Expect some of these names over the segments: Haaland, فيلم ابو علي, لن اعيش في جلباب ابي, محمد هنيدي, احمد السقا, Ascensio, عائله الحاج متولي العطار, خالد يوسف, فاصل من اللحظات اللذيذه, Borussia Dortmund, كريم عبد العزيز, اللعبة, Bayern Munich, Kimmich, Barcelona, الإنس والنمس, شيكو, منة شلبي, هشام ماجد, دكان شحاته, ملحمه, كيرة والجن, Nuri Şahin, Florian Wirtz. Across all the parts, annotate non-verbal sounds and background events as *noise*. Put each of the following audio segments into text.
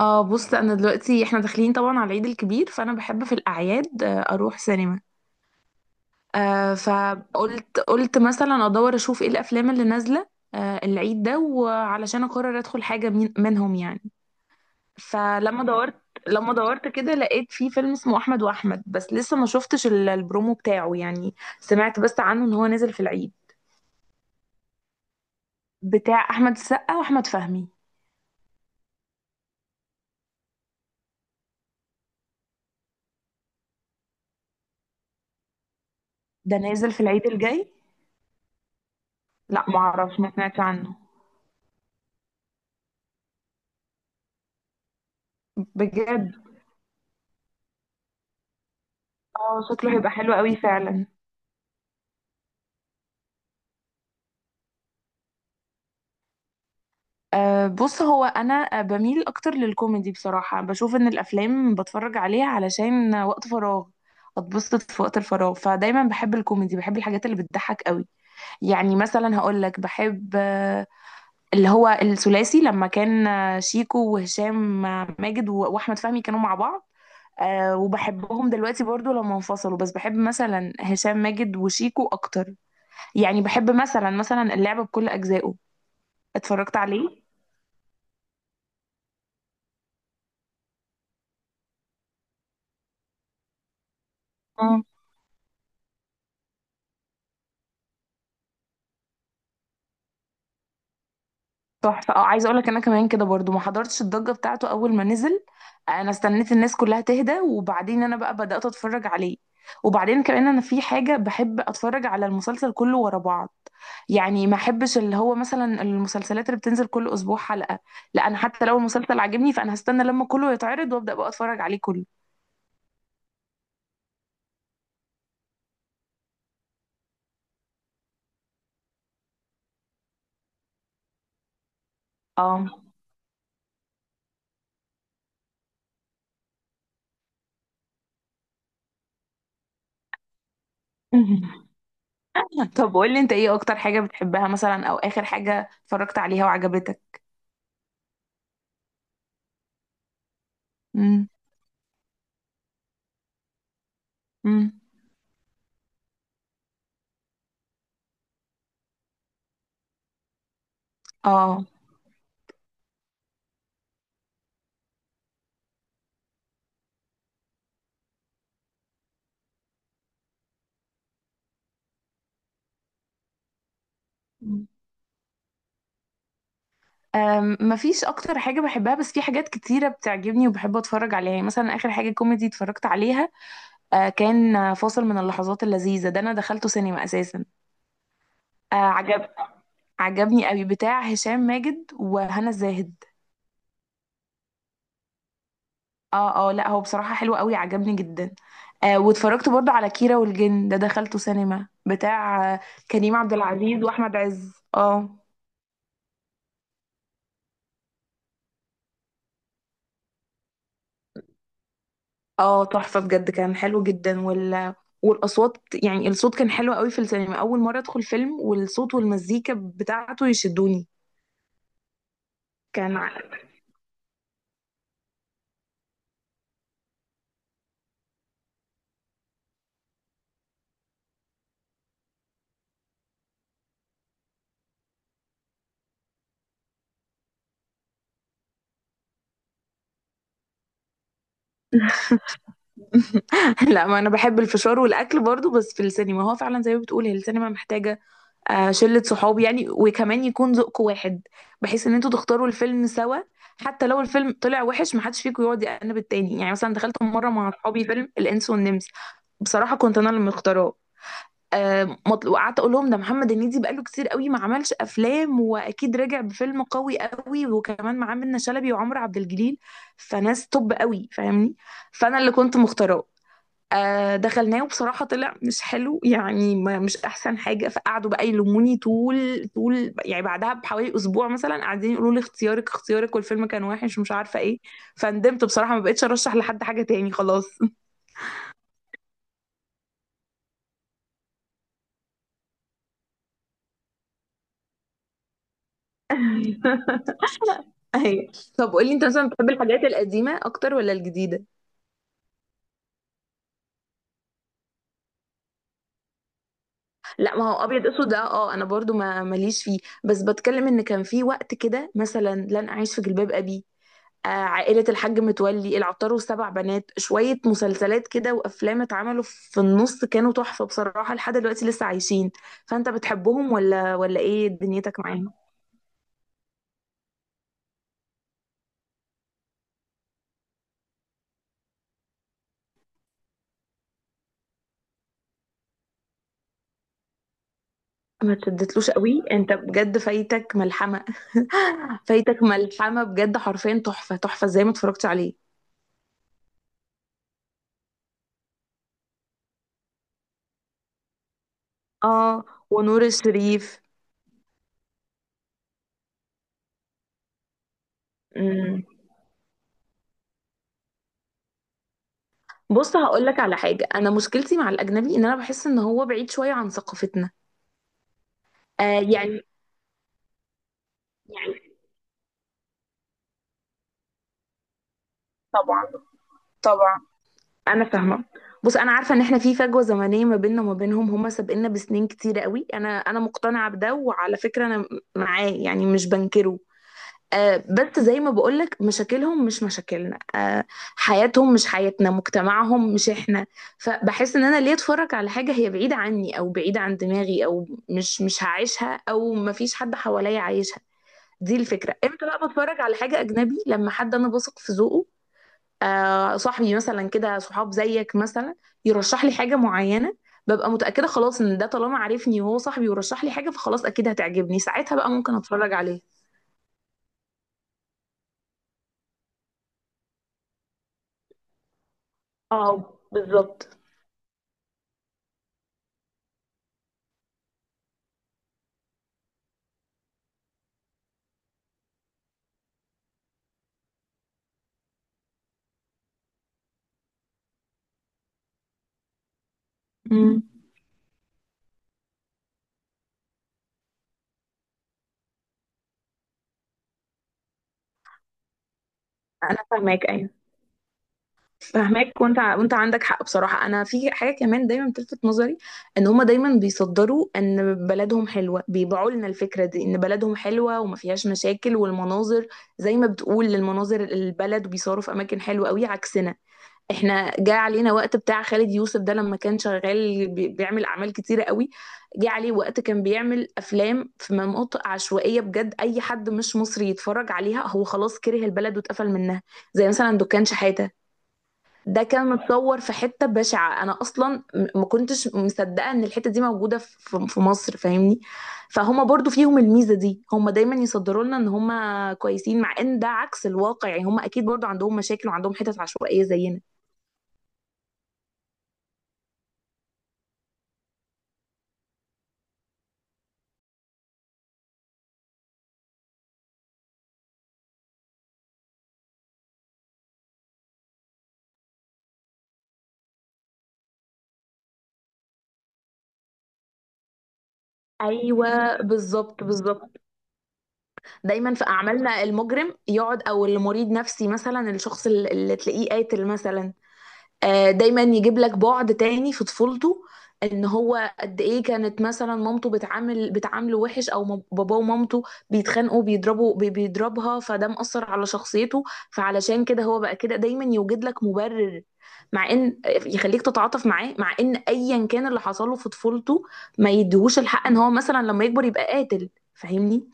اه بص انا دلوقتي احنا داخلين طبعا على العيد الكبير، فانا بحب في الاعياد اروح سينما. فقلت مثلا ادور اشوف ايه الافلام اللي نازله العيد ده، وعلشان اقرر ادخل حاجه منهم يعني. فلما دورت لما دورت كده لقيت في فيلم اسمه احمد واحمد، بس لسه ما شفتش البرومو بتاعه، يعني سمعت بس عنه ان هو نازل في العيد، بتاع احمد السقا واحمد فهمي. ده نازل في العيد الجاي. لا ما اعرفش، ما سمعتش عنه بجد. اه شكله هيبقى حلو قوي فعلا. أه بص، هو انا آه، بميل اكتر للكوميدي بصراحه، بشوف ان الافلام بتفرج عليها علشان وقت فراغ، اتبسط في وقت الفراغ، فدايما بحب الكوميدي، بحب الحاجات اللي بتضحك قوي. يعني مثلا هقول لك بحب اللي هو الثلاثي لما كان، شيكو وهشام، ماجد واحمد فهمي كانوا مع بعض. أه وبحبهم دلوقتي برضو لما انفصلوا، بس بحب مثلا هشام ماجد وشيكو اكتر. يعني بحب مثلا اللعبة بكل اجزائه، اتفرجت عليه. اه تحفة، اه عايزة اقولك انا كمان كده برضو، ما حضرتش الضجة بتاعته اول ما نزل، انا استنيت الناس كلها تهدى وبعدين انا بقى بدأت اتفرج عليه. وبعدين كمان انا في حاجة، بحب اتفرج على المسلسل كله ورا بعض، يعني ما احبش اللي هو مثلا المسلسلات اللي بتنزل كل اسبوع حلقة. لا انا حتى لو المسلسل عجبني فانا هستنى لما كله يتعرض وابدأ بقى اتفرج عليه كله. اه. *laughs* طب قول لي انت ايه اكتر حاجة بتحبها مثلا، او اخر حاجة اتفرجت عليها وعجبتك. امم. اه. مم. أم، مفيش اكتر حاجه بحبها، بس في حاجات كتيره بتعجبني وبحب اتفرج عليها. يعني مثلا اخر حاجه كوميدي اتفرجت عليها، كان فاصل من اللحظات اللذيذه، ده انا دخلته سينما اساسا. آه، عجب عجبني قوي، بتاع هشام ماجد وهنا الزاهد. اه اه، لا هو بصراحه حلو قوي، عجبني جدا. واتفرجت برضو على كيرة والجن، ده دخلته سينما، بتاع كريم عبد العزيز واحمد عز. اه اه تحفة بجد، كان حلو جدا. وال... والأصوات، يعني الصوت كان حلو قوي في السينما، أول مرة أدخل فيلم والصوت والمزيكا بتاعته يشدوني. كان ع- *laughs* لا ما أنا بحب الفشار والأكل برضو، بس في السينما هو فعلا زي ما بتقول، هي السينما محتاجة شلة صحاب يعني، وكمان يكون ذوقك واحد بحيث إن انتوا تختاروا الفيلم سوا. حتى لو الفيلم طلع وحش محدش فيكم يقعد يأنب التاني. يعني مثلا دخلت مرة مع أصحابي فيلم الإنس والنمس، بصراحة كنت أنا اللي مختاراه، وقعدت اقول لهم ده محمد هنيدي بقاله كتير قوي ما عملش افلام، واكيد راجع بفيلم قوي قوي، وكمان معاه منة شلبي وعمرو عبد الجليل، فناس توب قوي، فاهمني. فانا اللي كنت مختاراه، دخلناه وبصراحة طلع مش حلو، يعني مش أحسن حاجة، فقعدوا بقى يلوموني طول، يعني بعدها بحوالي أسبوع مثلا قاعدين يقولوا لي اختيارك اختيارك، والفيلم كان وحش ومش عارفة إيه. فندمت بصراحة، ما بقتش أرشح لحد حاجة تاني خلاص. *laughs* ايوه. طب قولي انت مثلا بتحب الحاجات القديمه اكتر ولا الجديده؟ لا ما هو ابيض اسود ده اه انا برضو ما ماليش فيه، بس بتكلم ان كان في وقت كده، مثلا لن اعيش في جلباب ابي، آه عائله الحاج متولي، العطار والسبع بنات، شويه مسلسلات كده وافلام اتعملوا في النص كانوا تحفه بصراحه، لحد دلوقتي لسه عايشين. فانت بتحبهم ولا ايه دنيتك معاهم؟ ما تدتلوش قوي؟ انت بجد فايتك ملحمه. *laughs* فايتك ملحمه بجد، حرفيا تحفه تحفه، ازاي ما اتفرجتش عليه؟ اه. ونور الشريف. امم. بص هقول لك على حاجه، انا مشكلتي مع الاجنبي ان انا بحس ان هو بعيد شويه عن ثقافتنا. آه يعني. يعني. طبعا. طبعا. انا فاهمه. بص انا عارفه ان احنا في فجوه زمنيه ما بيننا وما بينهم، هم سابقنا بسنين كتير قوي، انا مقتنعه بده، وعلى فكره انا معاه يعني، مش بنكره. بس زي ما بقولك مشاكلهم مش مشاكلنا، حياتهم مش حياتنا، مجتمعهم مش احنا. فبحس ان انا ليه اتفرج على حاجة هي بعيدة عني او بعيدة عن دماغي، او مش هعيشها، او مفيش حد حواليا عايشها. دي الفكرة. امتى بقى بتفرج على حاجة اجنبي؟ لما حد انا بثق في ذوقه، صاحبي مثلا كده، صحاب زيك مثلا، يرشح لي حاجة معينة، ببقى متأكدة خلاص ان ده طالما عارفني وهو صاحبي ورشح لي حاجة فخلاص اكيد هتعجبني، ساعتها بقى ممكن اتفرج عليها. اه بالظبط. مم. انا فاهماك ايوه. فاهماك، وانت عندك حق بصراحه. انا في حاجه كمان دايما بتلفت نظري، ان هما دايما بيصدروا ان بلدهم حلوه، بيبيعوا لنا الفكره دي ان بلدهم حلوه وما فيهاش مشاكل، والمناظر زي ما بتقول المناظر، البلد وبيصوروا في اماكن حلوه قوي عكسنا. احنا جاء علينا وقت بتاع خالد يوسف ده لما كان شغال بيعمل اعمال كتيره قوي، جه عليه وقت كان بيعمل افلام في مناطق عشوائيه بجد، اي حد مش مصري يتفرج عليها هو خلاص كره البلد واتقفل منها. زي مثلا دكان شحاته، ده كان متصور في حته بشعه، انا اصلا ما كنتش مصدقه ان الحته دي موجوده في في مصر، فاهمني. فهما برضو فيهم الميزه دي، هما دايما يصدروا لنا ان هما كويسين، مع ان ده عكس الواقع، يعني هما اكيد برضو عندهم مشاكل وعندهم حتت عشوائيه زينا. ايوه بالظبط بالظبط. دايما في اعمالنا المجرم يقعد، او المريض نفسي مثلا، الشخص اللي تلاقيه قاتل مثلا، دايما يجيب لك بعد تاني في طفولته، ان هو قد ايه كانت مثلا مامته بتعامله وحش، او باباه ومامته بيتخانقوا، بيضربوا بيضربها، فده مأثر على شخصيته. فعلشان كده هو بقى كده دايما يوجد لك مبرر، مع ان يخليك تتعاطف معاه، مع ان ايا كان اللي حصله في طفولته ما يديهوش الحق ان هو مثلا لما يكبر يبقى قاتل، فاهمني.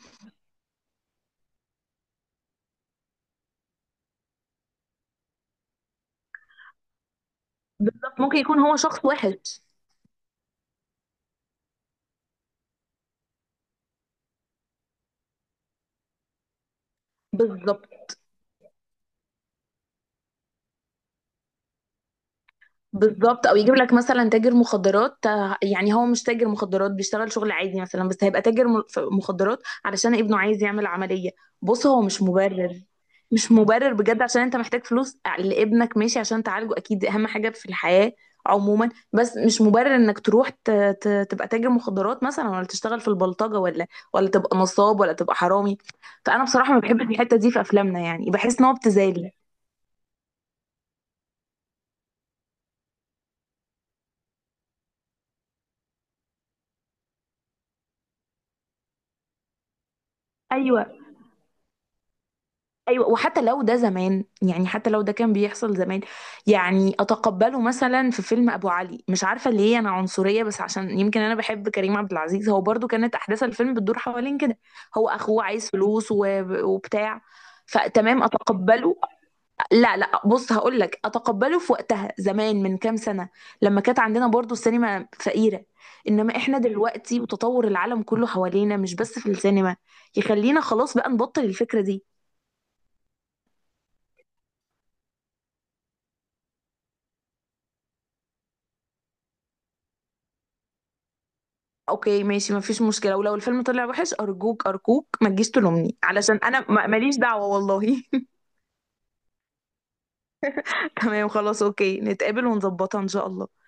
بالظبط. ممكن يكون هو شخص وحش. بالظبط بالظبط. او يجيب لك مثلا تاجر مخدرات، يعني هو مش تاجر مخدرات، بيشتغل شغل عادي مثلا، بس هيبقى تاجر مخدرات علشان ابنه عايز يعمل عملية. بص هو مش مبرر، مش مبرر بجد. عشان انت محتاج فلوس لابنك ماشي، عشان تعالجه، اكيد دي اهم حاجة في الحياة عموما، بس مش مبرر انك تروح ت... ت... تبقى تاجر مخدرات مثلا، ولا تشتغل في البلطجة، ولا ولا تبقى نصاب، ولا تبقى حرامي. فانا بصراحة ما بحبش الحتة دي في افلامنا، يعني بحس ان هو ابتذال. ايوه ايوه. وحتى لو ده زمان، يعني حتى لو ده كان بيحصل زمان، يعني اتقبله مثلا في فيلم ابو علي، مش عارفه ليه انا عنصريه، بس عشان يمكن انا بحب كريم عبد العزيز. هو برضو كانت احداث الفيلم بتدور حوالين كده، هو اخوه عايز فلوس وبتاع، فتمام اتقبله. لا لا بص هقول لك، اتقبله في وقتها زمان من كام سنه، لما كانت عندنا برضو السينما فقيره، انما احنا دلوقتي وتطور العالم كله حوالينا مش بس في السينما، يخلينا خلاص بقى نبطل الفكره دي. اوكي ماشي مفيش مشكله، ولو الفيلم طلع وحش ارجوك ارجوك ما تجيش تلومني، علشان انا ماليش دعوه والله. *laughs* تمام خلاص اوكي، نتقابل ونظبطها ان شاء الله.